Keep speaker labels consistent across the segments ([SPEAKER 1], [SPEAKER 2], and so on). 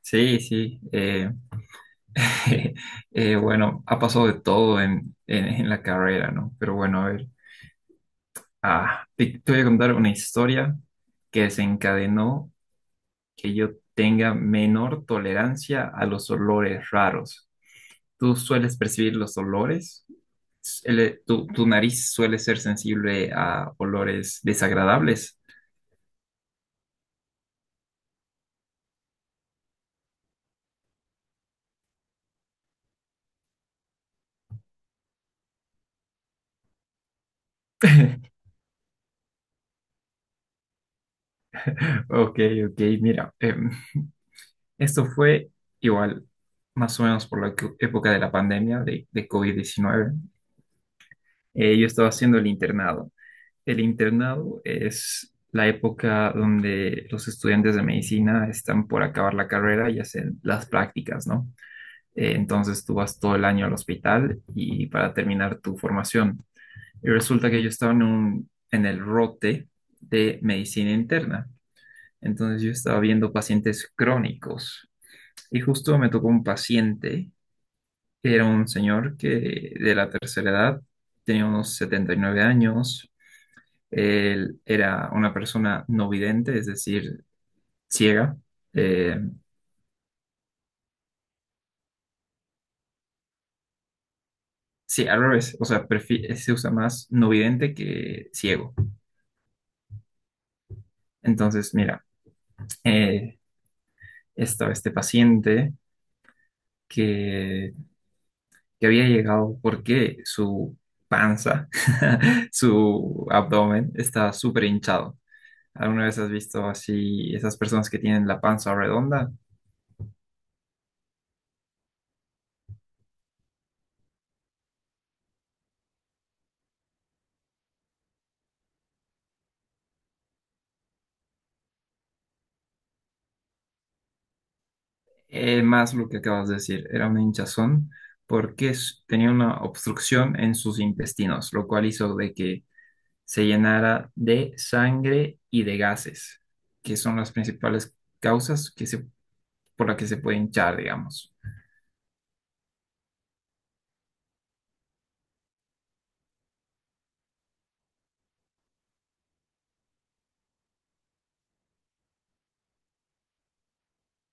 [SPEAKER 1] Sí, sí. Bueno, ha pasado de todo en la carrera, ¿no? Pero bueno, a ver, te voy a contar una historia que desencadenó que yo tenga menor tolerancia a los olores raros. ¿Tú sueles percibir los olores? ¿El- tu nariz suele ser sensible a olores desagradables? Ok, ok, mira, esto fue igual, más o menos por la co- época de la pandemia de COVID-19. Yo estaba haciendo el internado. El internado es la época donde los estudiantes de medicina están por acabar la carrera y hacen las prácticas, ¿no? Entonces tú vas todo el año al hospital y para terminar tu formación. Y resulta que yo estaba en en el rote de medicina interna. Entonces yo estaba viendo pacientes crónicos y justo me tocó un paciente, que era un señor que de la tercera edad, tenía unos 79 años. Él era una persona no vidente, es decir, ciega. Eh, sí, al revés, o sea, prefi- se usa más no vidente que ciego. Entonces, mira, eh, estaba este paciente que, que había llegado porque su panza, su abdomen estaba súper hinchado. ¿Alguna vez has visto así esas personas que tienen la panza redonda? Más lo que acabas de decir, era una hinchazón porque s- tenía una obstrucción en sus intestinos, lo cual hizo de que se llenara de sangre y de gases, que son las principales causas por las que se puede hinchar, digamos.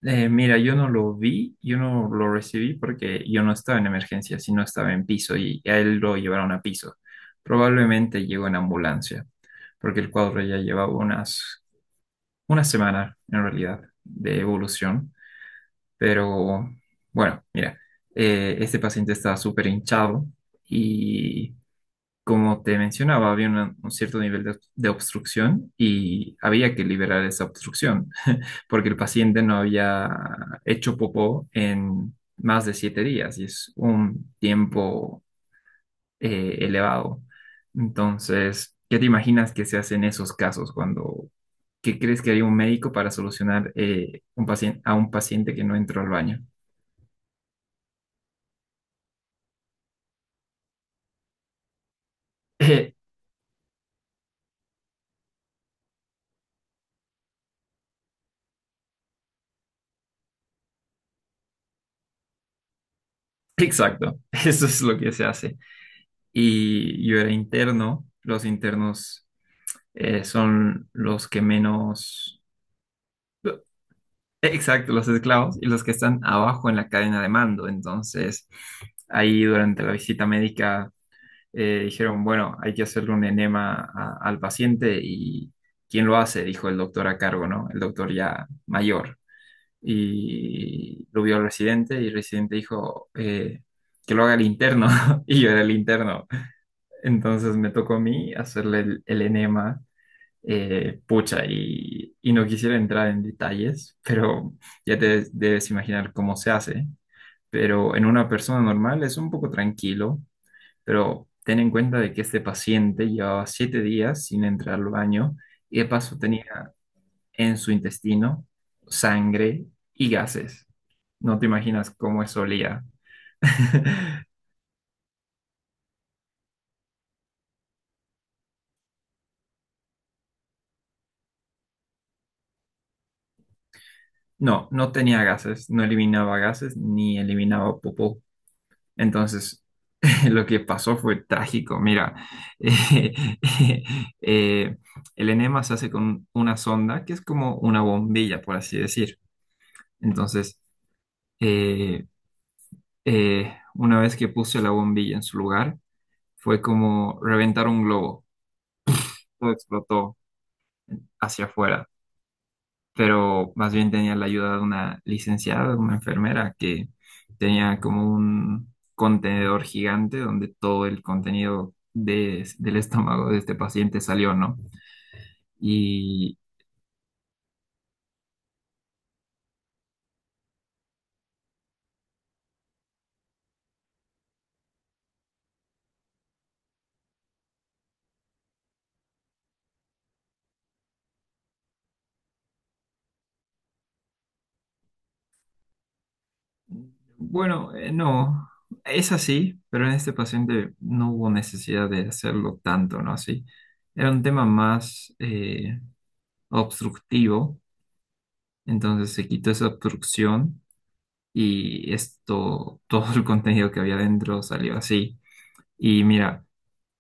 [SPEAKER 1] Mira, yo no lo vi, yo no lo recibí porque yo no estaba en emergencia, sino estaba en piso y a él lo llevaron a piso. Probablemente llegó en ambulancia, porque el cuadro ya llevaba una semana en realidad de evolución. Pero bueno, mira, este paciente estaba súper hinchado y como te mencionaba, había una- un cierto nivel de obstrucción y había que liberar esa obstrucción porque el paciente no había hecho popó en más de 7 días y es un tiempo elevado. Entonces, ¿qué te imaginas que se hace en esos casos cuando, qué crees que haría un médico para solucionar un paciente, a un paciente que no entró al baño? Eh, exacto, eso es lo que se hace. Y yo era interno, los internos son los que menos... Exacto, los esclavos y los que están abajo en la cadena de mando. Entonces, ahí durante la visita médica dijeron, bueno, hay que hacerle un enema a- al paciente y ¿quién lo hace? Dijo el doctor a cargo, ¿no? El doctor ya mayor. Y lo vio el residente y el residente dijo que lo haga el interno y yo era el interno. Entonces me tocó a mí hacerle el enema pucha, y no quisiera entrar en detalles, pero ya te debes imaginar cómo se hace. Pero en una persona normal es un poco tranquilo, pero ten en cuenta de que este paciente llevaba 7 días sin entrar al baño y de paso tenía en su intestino sangre y gases. No te imaginas cómo eso olía. No, no tenía gases, no eliminaba gases ni eliminaba popó. Entonces, lo que pasó fue trágico. Mira, eh, eh, el enema se hace con una sonda que es como una bombilla, por así decir. Entonces, eh, una vez que puse la bombilla en su lugar, fue como reventar un globo. Todo explotó hacia afuera. Pero más bien tenía la ayuda de una licenciada, una enfermera, que tenía como un contenedor gigante donde todo el contenido de- del estómago de este paciente salió, ¿no? Y bueno, no, es así, pero en este paciente no hubo necesidad de hacerlo tanto, ¿no? Así. Era un tema más obstructivo, entonces se quitó esa obstrucción y esto, todo el contenido que había dentro salió así. Y mira,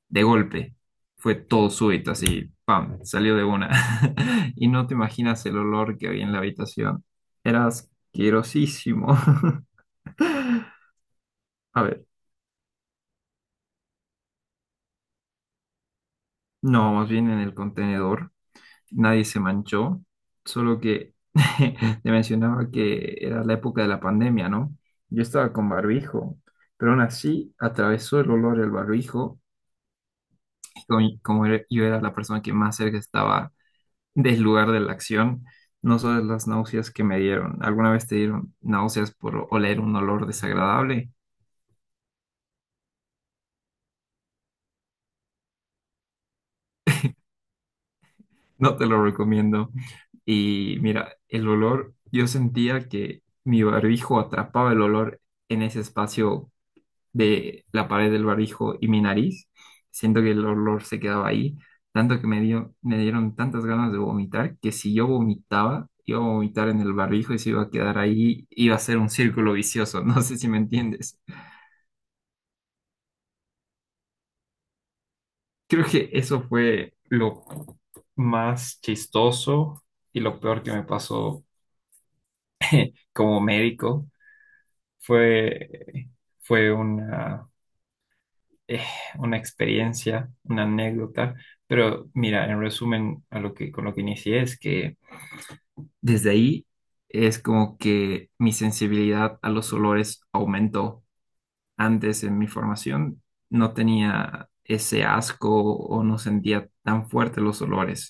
[SPEAKER 1] de golpe, fue todo súbito, así, ¡pam!, salió de una. Y no te imaginas el olor que había en la habitación. Era asquerosísimo. A ver, no, más bien en el contenedor, nadie se manchó, solo que te mencionaba que era la época de la pandemia, ¿no? Yo estaba con barbijo, pero aún así atravesó el olor el barbijo como era- yo era la persona que más cerca estaba del lugar de la acción, no solo las náuseas que me dieron. ¿Alguna vez te dieron náuseas por oler un olor desagradable? No te lo recomiendo. Y mira, el olor, yo sentía que mi barbijo atrapaba el olor en ese espacio de la pared del barbijo y mi nariz. Siento que el olor se quedaba ahí, tanto que me dio, me dieron tantas ganas de vomitar que si yo vomitaba, iba a vomitar en el barbijo y se iba a quedar ahí, iba a ser un círculo vicioso. No sé si me entiendes. Creo que eso fue lo más chistoso y lo peor que me pasó como médico. Fue, fue eh, una experiencia, una anécdota, pero mira, en resumen, a lo que, con lo que inicié es que desde ahí es como que mi sensibilidad a los olores aumentó. Antes en mi formación no tenía ese asco o no sentía tan fuerte los olores.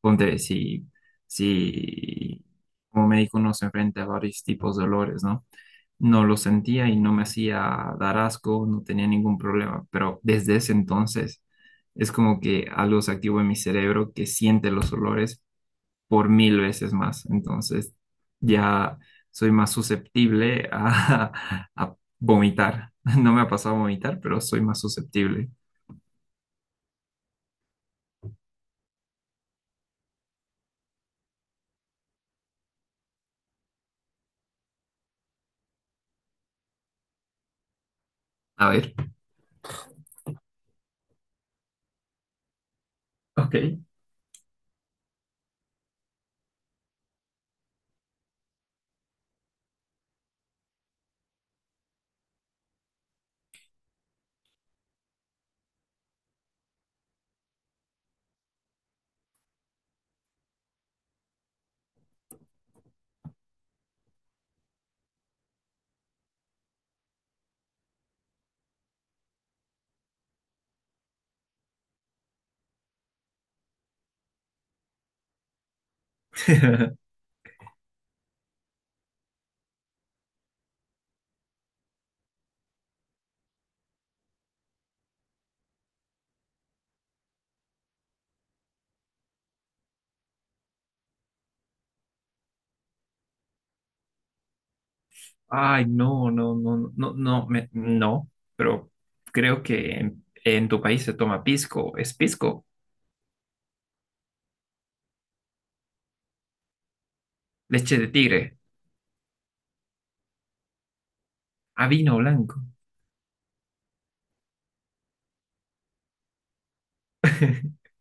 [SPEAKER 1] Ponte, si como médico uno se enfrenta a varios tipos de olores, ¿no? No lo sentía y no me hacía dar asco, no tenía ningún problema, pero desde ese entonces es como que algo se activó en mi cerebro que siente los olores por mil veces más, entonces ya soy más susceptible a, a vomitar. No me ha pasado a vomitar, pero soy más susceptible. A ver. Ok. Ay, no, no, no, no, no, me- no, pero creo que en tu país se toma pisco, es pisco, leche de tigre. ¿A vino blanco?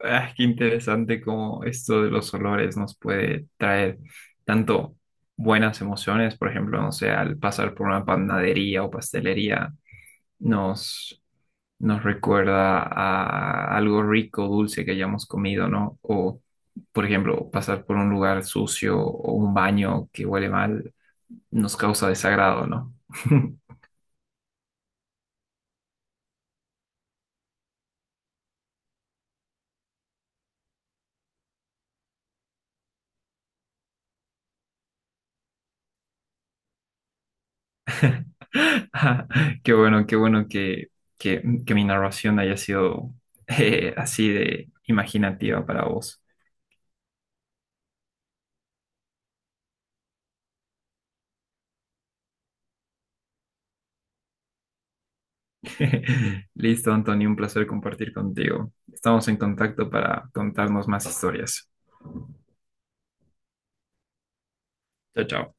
[SPEAKER 1] Ah, qué interesante cómo esto de los olores nos puede traer tanto buenas emociones, por ejemplo, no sé, al pasar por una panadería o pastelería, nos, nos recuerda a algo rico, dulce que hayamos comido, ¿no? O, por ejemplo, pasar por un lugar sucio o un baño que huele mal, nos causa desagrado, ¿no? Qué bueno que mi narración haya sido así de imaginativa para vos. Listo, Antonio, un placer compartir contigo. Estamos en contacto para contarnos más historias. Chao, chao.